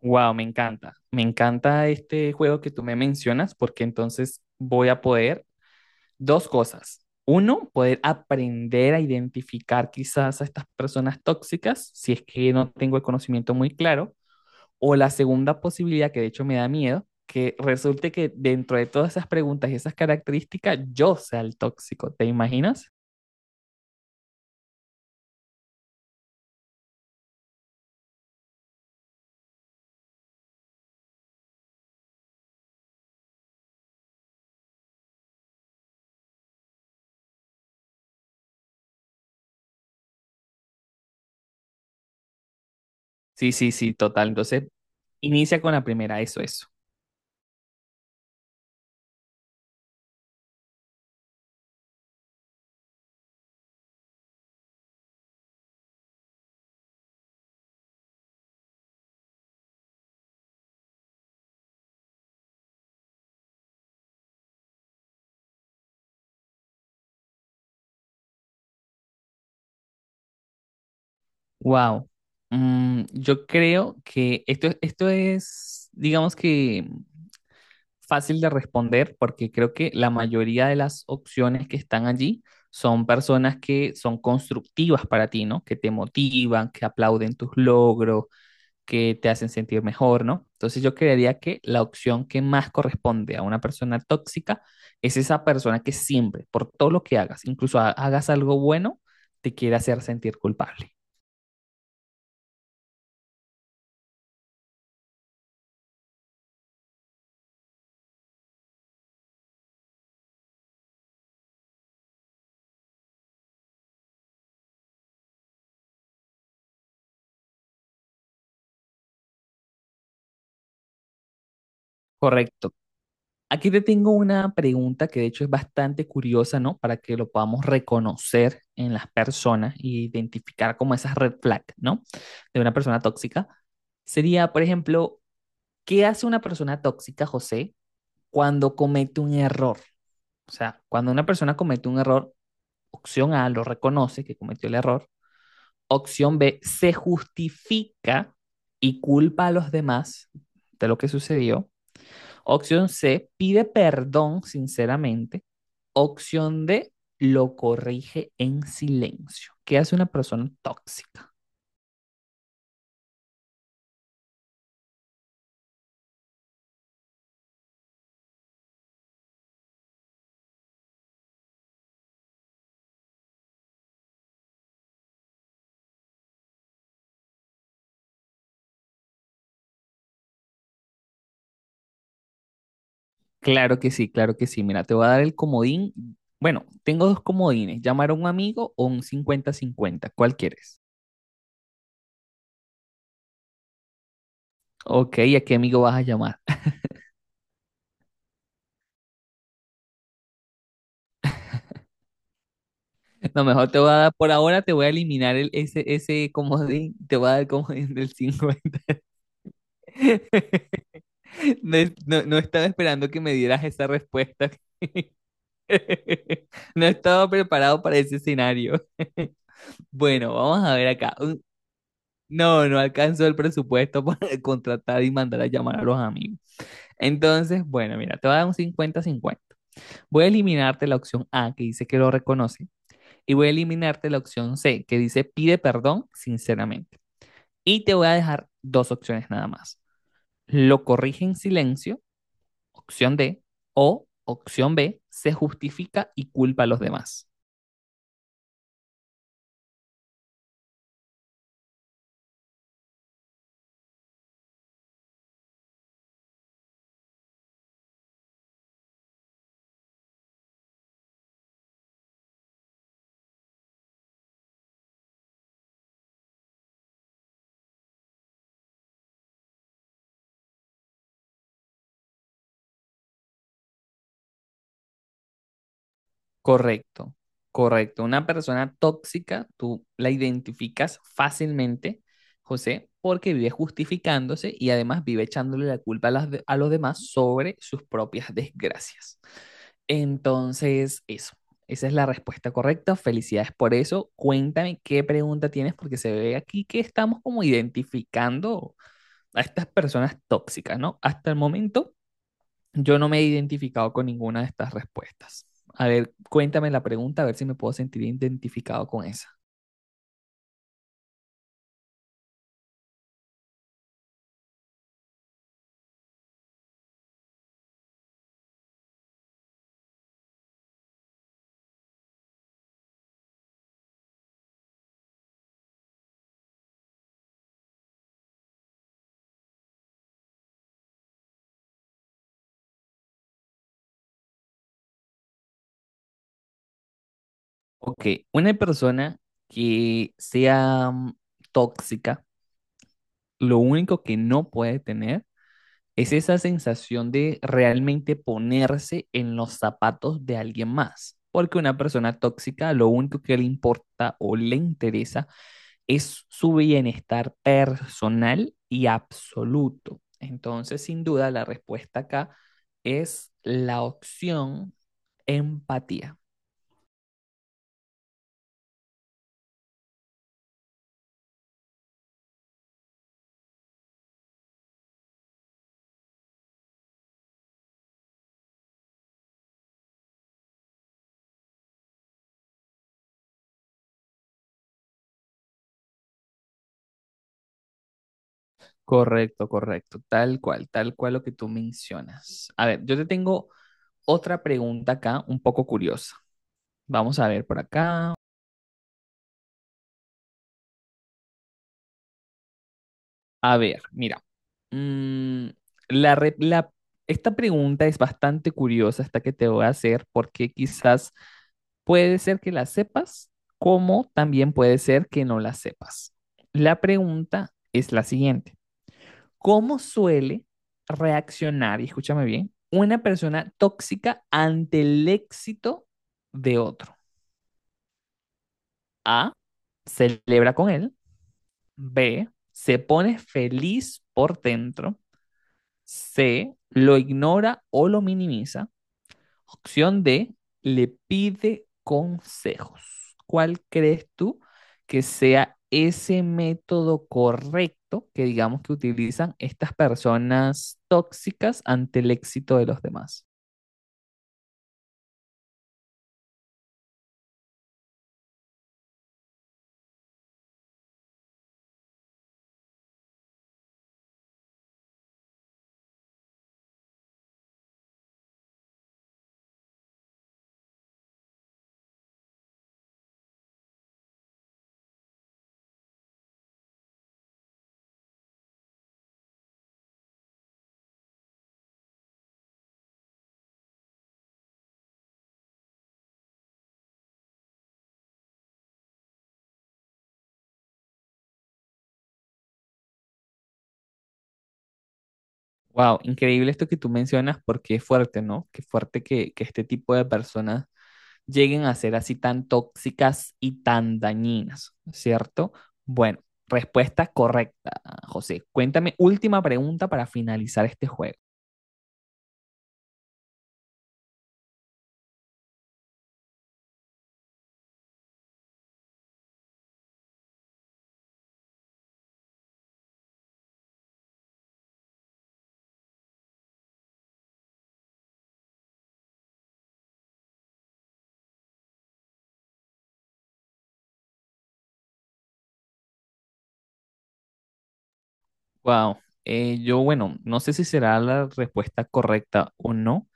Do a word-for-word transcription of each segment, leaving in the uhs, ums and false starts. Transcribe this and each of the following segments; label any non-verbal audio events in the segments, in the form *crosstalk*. Wow, me encanta. Me encanta este juego que tú me mencionas porque entonces voy a poder dos cosas. Uno, poder aprender a identificar quizás a estas personas tóxicas si es que no tengo el conocimiento muy claro. O la segunda posibilidad, que de hecho me da miedo, que resulte que dentro de todas esas preguntas y esas características yo sea el tóxico. ¿Te imaginas? Sí, sí, sí, total. Entonces, inicia con la primera, eso, eso. Wow. Yo creo que esto, esto es, digamos que fácil de responder porque creo que la mayoría de las opciones que están allí son personas que son constructivas para ti, ¿no? Que te motivan, que aplauden tus logros, que te hacen sentir mejor, ¿no? Entonces yo creería que la opción que más corresponde a una persona tóxica es esa persona que siempre, por todo lo que hagas, incluso ha- hagas algo bueno, te quiere hacer sentir culpable. Correcto. Aquí te tengo una pregunta que de hecho es bastante curiosa, ¿no? Para que lo podamos reconocer en las personas e identificar como esas red flags, ¿no? De una persona tóxica. Sería, por ejemplo, ¿qué hace una persona tóxica, José, cuando comete un error? O sea, cuando una persona comete un error, opción A, lo reconoce que cometió el error. Opción B, se justifica y culpa a los demás de lo que sucedió. Opción C, pide perdón sinceramente. Opción D, lo corrige en silencio. ¿Qué hace una persona tóxica? Claro que sí, claro que sí. Mira, te voy a dar el comodín. Bueno, tengo dos comodines, llamar a un amigo o un cincuenta-cincuenta. ¿Cuál quieres? Ok, ¿y a qué amigo vas a llamar? *laughs* No, mejor te voy a dar, por ahora te voy a eliminar el, ese, ese comodín, te voy a dar el comodín del cincuenta. *laughs* No, es- no- no estaba esperando que me dieras esa respuesta. *laughs* *laughs* No estaba preparado para ese escenario. *laughs* Bueno, vamos a ver acá. Un- No, no alcanzó el presupuesto para *laughs* contratar y mandar a llamar a los amigos. Entonces, bueno, mira, te voy a dar un cincuenta-cincuenta. Voy a eliminarte la opción A, que dice que lo reconoce, y voy a eliminarte la opción C, que dice pide perdón sinceramente. Y te voy a dejar dos opciones nada más. Lo corrige en silencio, opción D, o opción B, se justifica y culpa a los demás. Correcto, correcto. Una persona tóxica, tú la identificas fácilmente, José, porque vive justificándose y además vive echándole la culpa a, las de- a los demás sobre sus propias desgracias. Entonces, eso, esa es la respuesta correcta. Felicidades por eso. Cuéntame qué pregunta tienes, porque se ve aquí que estamos como identificando a estas personas tóxicas, ¿no? Hasta el momento yo no me he identificado con ninguna de estas respuestas. A ver, cuéntame la pregunta, a ver si me puedo sentir identificado con esa. Ok, una persona que sea mm, tóxica, lo único que no puede tener es esa sensación de realmente ponerse en los zapatos de alguien más. Porque una persona tóxica, lo único que le importa o le interesa es su bienestar personal y absoluto. Entonces, sin duda, la respuesta acá es la opción empatía. Correcto, correcto, tal cual, tal cual lo que tú mencionas. A ver, yo te tengo otra pregunta acá, un poco curiosa. Vamos a ver por acá. A ver, mira. mm, la, re- la- Esta pregunta es bastante curiosa, esta que te voy a hacer, porque quizás puede ser que la sepas, como también puede ser que no la sepas. La pregunta es la siguiente. ¿Cómo suele reaccionar, y escúchame bien, una persona tóxica ante el éxito de otro? A, celebra con él. B, se pone feliz por dentro. C, lo ignora o lo minimiza. Opción D, le pide consejos. ¿Cuál crees tú que sea ese método correcto que digamos que utilizan estas personas tóxicas ante el éxito de los demás? Wow, increíble esto que tú mencionas porque es fuerte, ¿no? Qué fuerte que, que este tipo de personas lleguen a ser así tan tóxicas y tan dañinas, ¿cierto? Bueno, respuesta correcta, José. Cuéntame, última pregunta para finalizar este juego. Wow, yo bueno, no sé si será la respuesta correcta o no,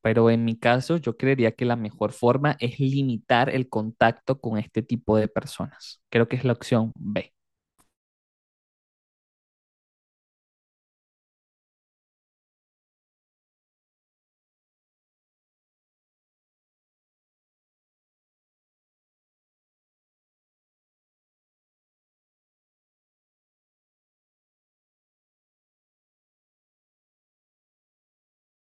pero en mi caso yo creería que la mejor forma es limitar el contacto con este tipo de personas. Creo que es la opción B.